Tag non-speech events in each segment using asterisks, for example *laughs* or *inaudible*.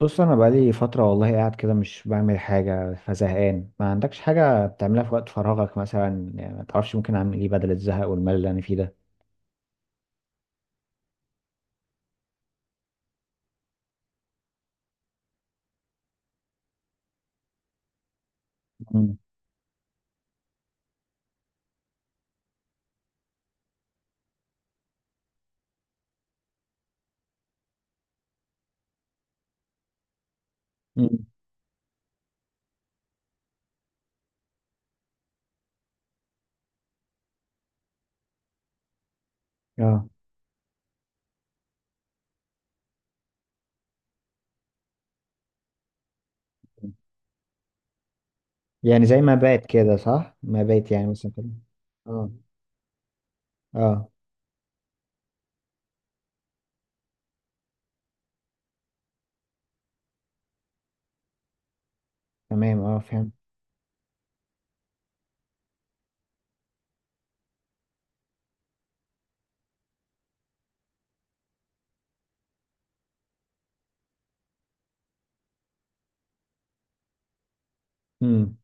بص انا بقالي فتره والله قاعد كده مش بعمل حاجه فزهقان. ما عندكش حاجه بتعملها في وقت فراغك مثلا؟ يعني ما تعرفش ممكن اعمل ايه بدل الزهق والملل اللي انا فيه ده؟ مم. مم. اه. يعني زي ما بات كده، صح؟ ما بات يعني مثلا كده. اه. اه. تمام، اه فهمت. مم.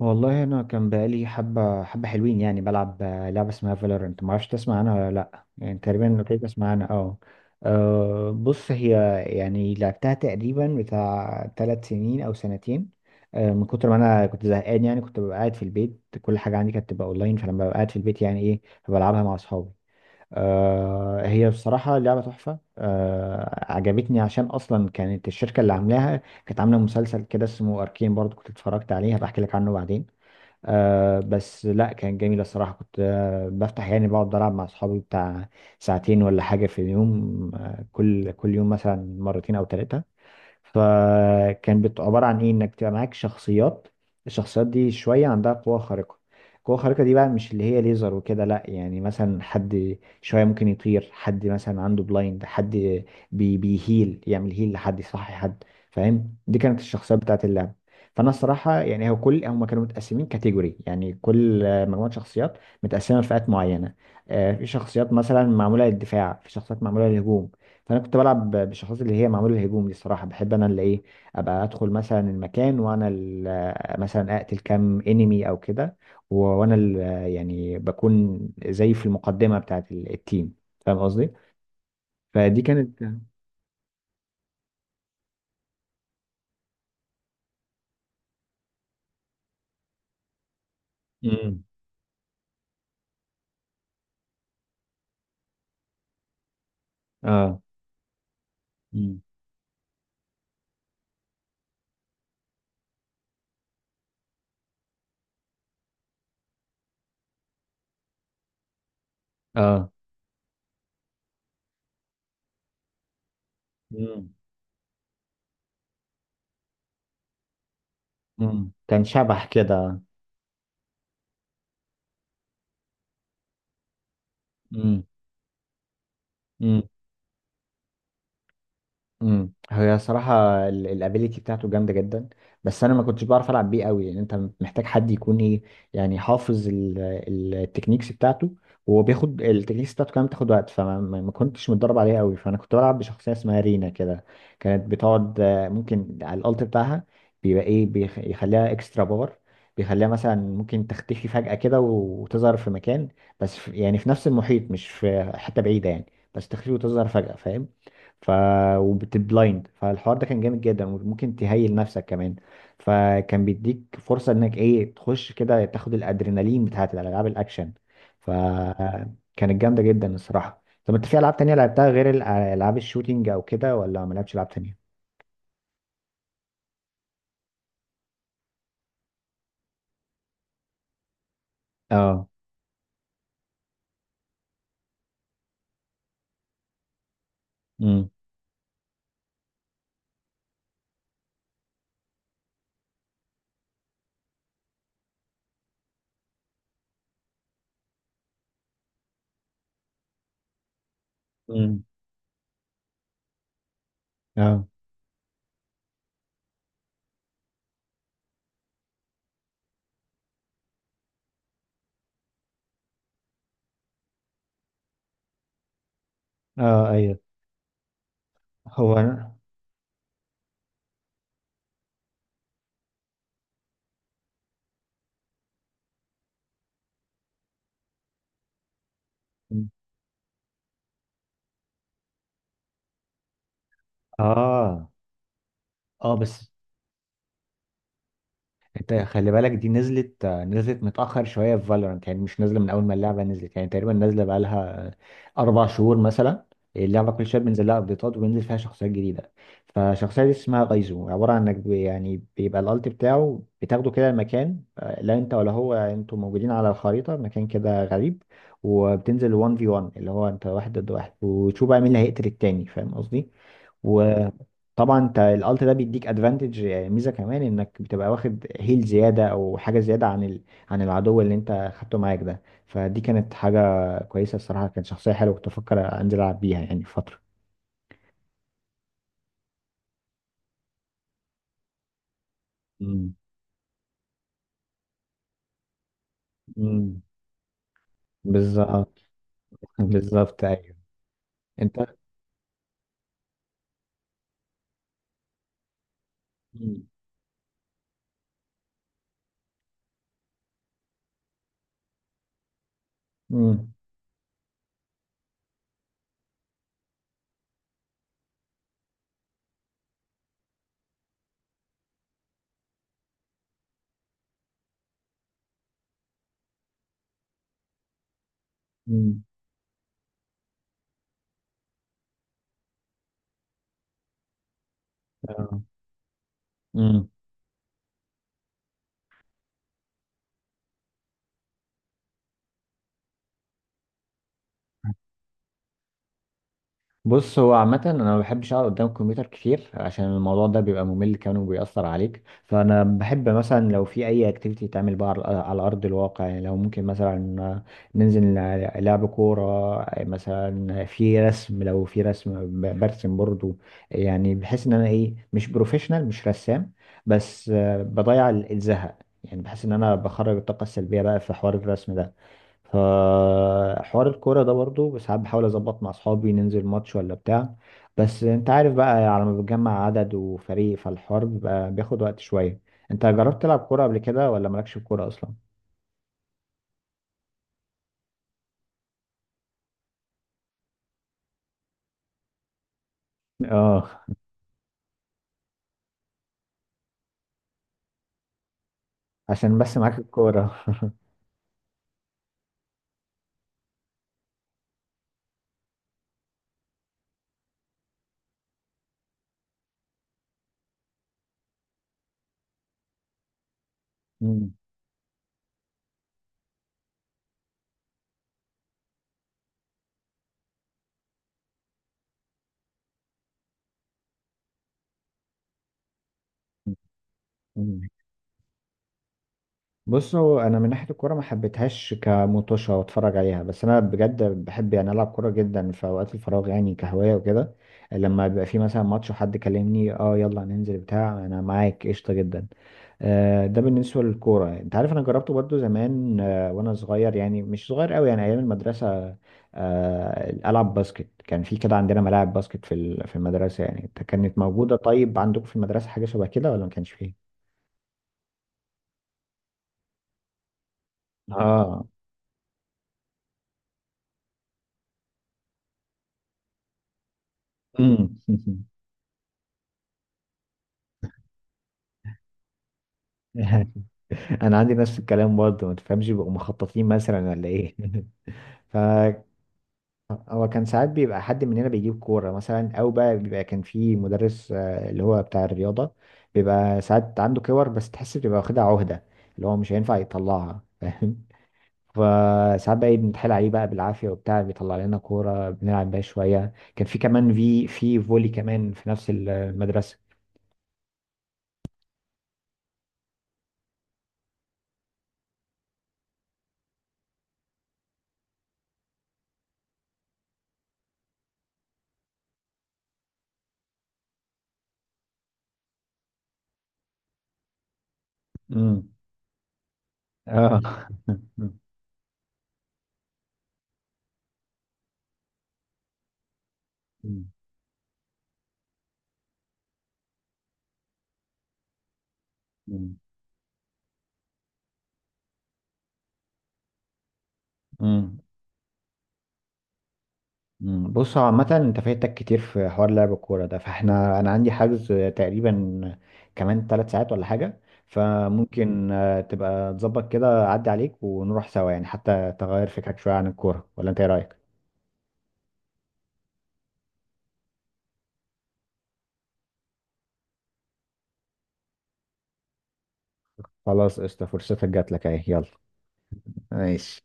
والله انا كان بقالي حبه حبه حلوين يعني بلعب لعبه اسمها فالورنت، ما اعرفش تسمع عنها ولا لا. يعني تقريبا كنت تسمع عنها، اه. بص، هي يعني لعبتها تقريبا بتاع ثلاث سنين او سنتين. من كتر ما انا كنت زهقان يعني كنت ببقى قاعد في البيت، كل حاجه عندي كانت تبقى اونلاين، فلما ببقى قاعد في البيت يعني ايه، بلعبها مع اصحابي. هي بصراحه لعبه تحفه، عجبتني عشان اصلا كانت الشركه اللي عاملاها كانت عامله مسلسل كده اسمه اركين برضو، كنت اتفرجت عليه، هبقى احكي لك عنه بعدين. آه بس لا كان جميل الصراحة، كنت بفتح يعني بقعد ألعب مع أصحابي بتاع ساعتين ولا حاجة في اليوم. آه، كل يوم مثلا مرتين أو ثلاثة. فكان عبارة عن ايه انك تبقى معاك شخصيات. الشخصيات دي شوية عندها قوة خارقة. القوة الخارقة دي بقى مش اللي هي ليزر وكده، لا يعني مثلا حد شوية ممكن يطير، حد مثلا عنده بلايند، حد بيهيل يعمل هيل لحد، يصحي حد، فاهم؟ دي كانت الشخصيات بتاعت اللعبة. فانا الصراحة يعني هو كل هم كانوا متقسمين كاتيجوري، يعني كل مجموعة شخصيات متقسمة لفئات معينة. في شخصيات مثلا معمولة للدفاع، في شخصيات معمولة للهجوم. فانا كنت بلعب بالشخصيات اللي هي معموله الهجوم دي. الصراحه بحب انا اللي ايه ابقى ادخل مثلا المكان وانا مثلا اقتل كام انمي او كده. و- وانا ال- يعني بكون زي في المقدمه بتاعه التيم، فاهم قصدي؟ فدي كانت. امم. اه. مم. اه. مم. امم، كان شبح كده. امم. امم. هي صراحة الابيليتي بتاعته جامدة جدا. بس انا ما كنتش بعرف العب بيه قوي، لان انت محتاج حد يكون ايه يعني، حافظ التكنيكس بتاعته. وهو بياخد التكنيكس بتاعته كمان بتاخد وقت، فما ما ما كنتش متدرب عليها قوي. فانا كنت بلعب بشخصية اسمها رينا كده. كانت بتقعد ممكن على الالت بتاعها بيبقى ايه بيخليها اكسترا باور. بيخليها مثلا ممكن تختفي فجأة كده وتظهر في مكان، بس في يعني في نفس المحيط، مش في حتة بعيدة يعني. بس تختفي وتظهر فجأة، فاهم؟ ف وبتبلايند، فالحوار ده كان جامد جدا، وممكن تهيل نفسك كمان. فكان بيديك فرصة انك ايه تخش كده تاخد الادرينالين بتاعت الالعاب الاكشن. فكانت جامدة جدا الصراحة. طب انت في العاب تانية لعبتها غير العاب الشوتينج او كده، ولا ما لعبتش العاب تانية؟ اه. امم. امم. اه. اه. ايوه. هو انا اه، اه بس. انت خلي بالك، دي نزلت متأخر شوية في فالورانت. يعني مش نازلة من أول ما اللعبة نزلت، يعني تقريبا نازلة بقالها أربع شهور مثلا. اللعبة كل شوية بينزل لها أبديتات وبينزل فيها شخصيات جديدة. فالشخصية دي اسمها غايزو، عبارة عن إنك يعني بيبقى الألت بتاعه بتاخده كده المكان، لا أنت ولا هو، يعني أنتوا موجودين على الخريطة مكان كده غريب. وبتنزل 1 في 1، اللي هو أنت واحد ضد واحد، وتشوف بقى مين اللي هيقتل التاني، فاهم قصدي؟ طبعا انت الالت ده بيديك ادفانتج ميزه كمان، انك بتبقى واخد هيل زياده او حاجه زياده عن ال... عن العدو اللي انت خدته معاك ده. فدي كانت حاجه كويسه الصراحه، كانت شخصيه حلوه، كنت افكر انزل العب بيها يعني فتره. مم. مم. بالظبط. *laughs* بالظبط، ايوه. انت. مم. مم. مم. اه. مم. بص هو عامة أنا ما بحبش أقعد قدام الكمبيوتر كتير، عشان الموضوع ده بيبقى ممل كمان وبيأثر عليك. فأنا بحب مثلا لو في أي أكتيفيتي تعمل بقى على على أرض الواقع، يعني لو ممكن مثلا ننزل لعب كورة مثلا. في رسم، لو في رسم برسم برضو. يعني بحس إن أنا إيه مش بروفيشنال مش رسام، بس بضيع الزهق. يعني بحس إن أنا بخرج الطاقة السلبية بقى في حوار الرسم ده. فحوار الكورة ده برضو ساعات بحاول أظبط مع أصحابي ننزل ماتش ولا بتاع. بس أنت عارف بقى، على ما بتجمع عدد وفريق، فالحوار بيبقى بياخد وقت شوية. أنت جربت تلعب كورة قبل كده ولا مالكش في الكورة أصلا؟ آه، عشان بس معاك الكورة. *laughs* بصوا، انا من ناحيه الكوره ما حبيتهاش كمطوشه واتفرج عليها، بس انا بجد بحب يعني العب كوره جدا في اوقات الفراغ، يعني كهوايه وكده. لما بيبقى في مثلا ماتش وحد كلمني اه يلا ننزل بتاع، انا معاك قشطه جدا. ده بالنسبه للكوره. انت عارف انا جربته برضو زمان وانا صغير، يعني مش صغير قوي، يعني ايام المدرسه. العب باسكت، كان في كده عندنا ملاعب باسكت في المدرسه يعني كانت موجوده. طيب عندكم في المدرسه حاجه شبه كده ولا ما كانش فيه؟ اه. *laughs* امم. *laughs* انا عندي نفس الكلام برضه، ما تفهمش، بيبقوا مخططين مثلا ولا ايه؟ *laughs* ف. هو كان ساعات بيبقى حد مننا بيجيب كوره مثلا، او بقى بيبقى كان في مدرس اللي هو بتاع الرياضه. بيبقى ساعات عنده كور، بس تحس بيبقى واخدها عهده، اللي هو مش هينفع يطلعها فاهم. فساعات بقى إيه بنتحايل عليه بقى بالعافيه وبتاع، بيطلع لنا كوره بنلعب بيها شويه. كان في كمان في فولي كمان في نفس المدرسه. امم. اه. *laughs* امم. مم. بص هو عامة انت فايتك كتير في حوار لعب الكورة ده. فاحنا انا عندي حجز تقريبا كمان ثلاث ساعات ولا حاجة. فممكن تبقى تظبط كده اعدي عليك ونروح سوا، يعني حتى تغير فكرك شوية عن الكورة، ولا انت ايه رأيك؟ خلاص قشطة، فرصتك جات لك اهي، يلا. ماشي.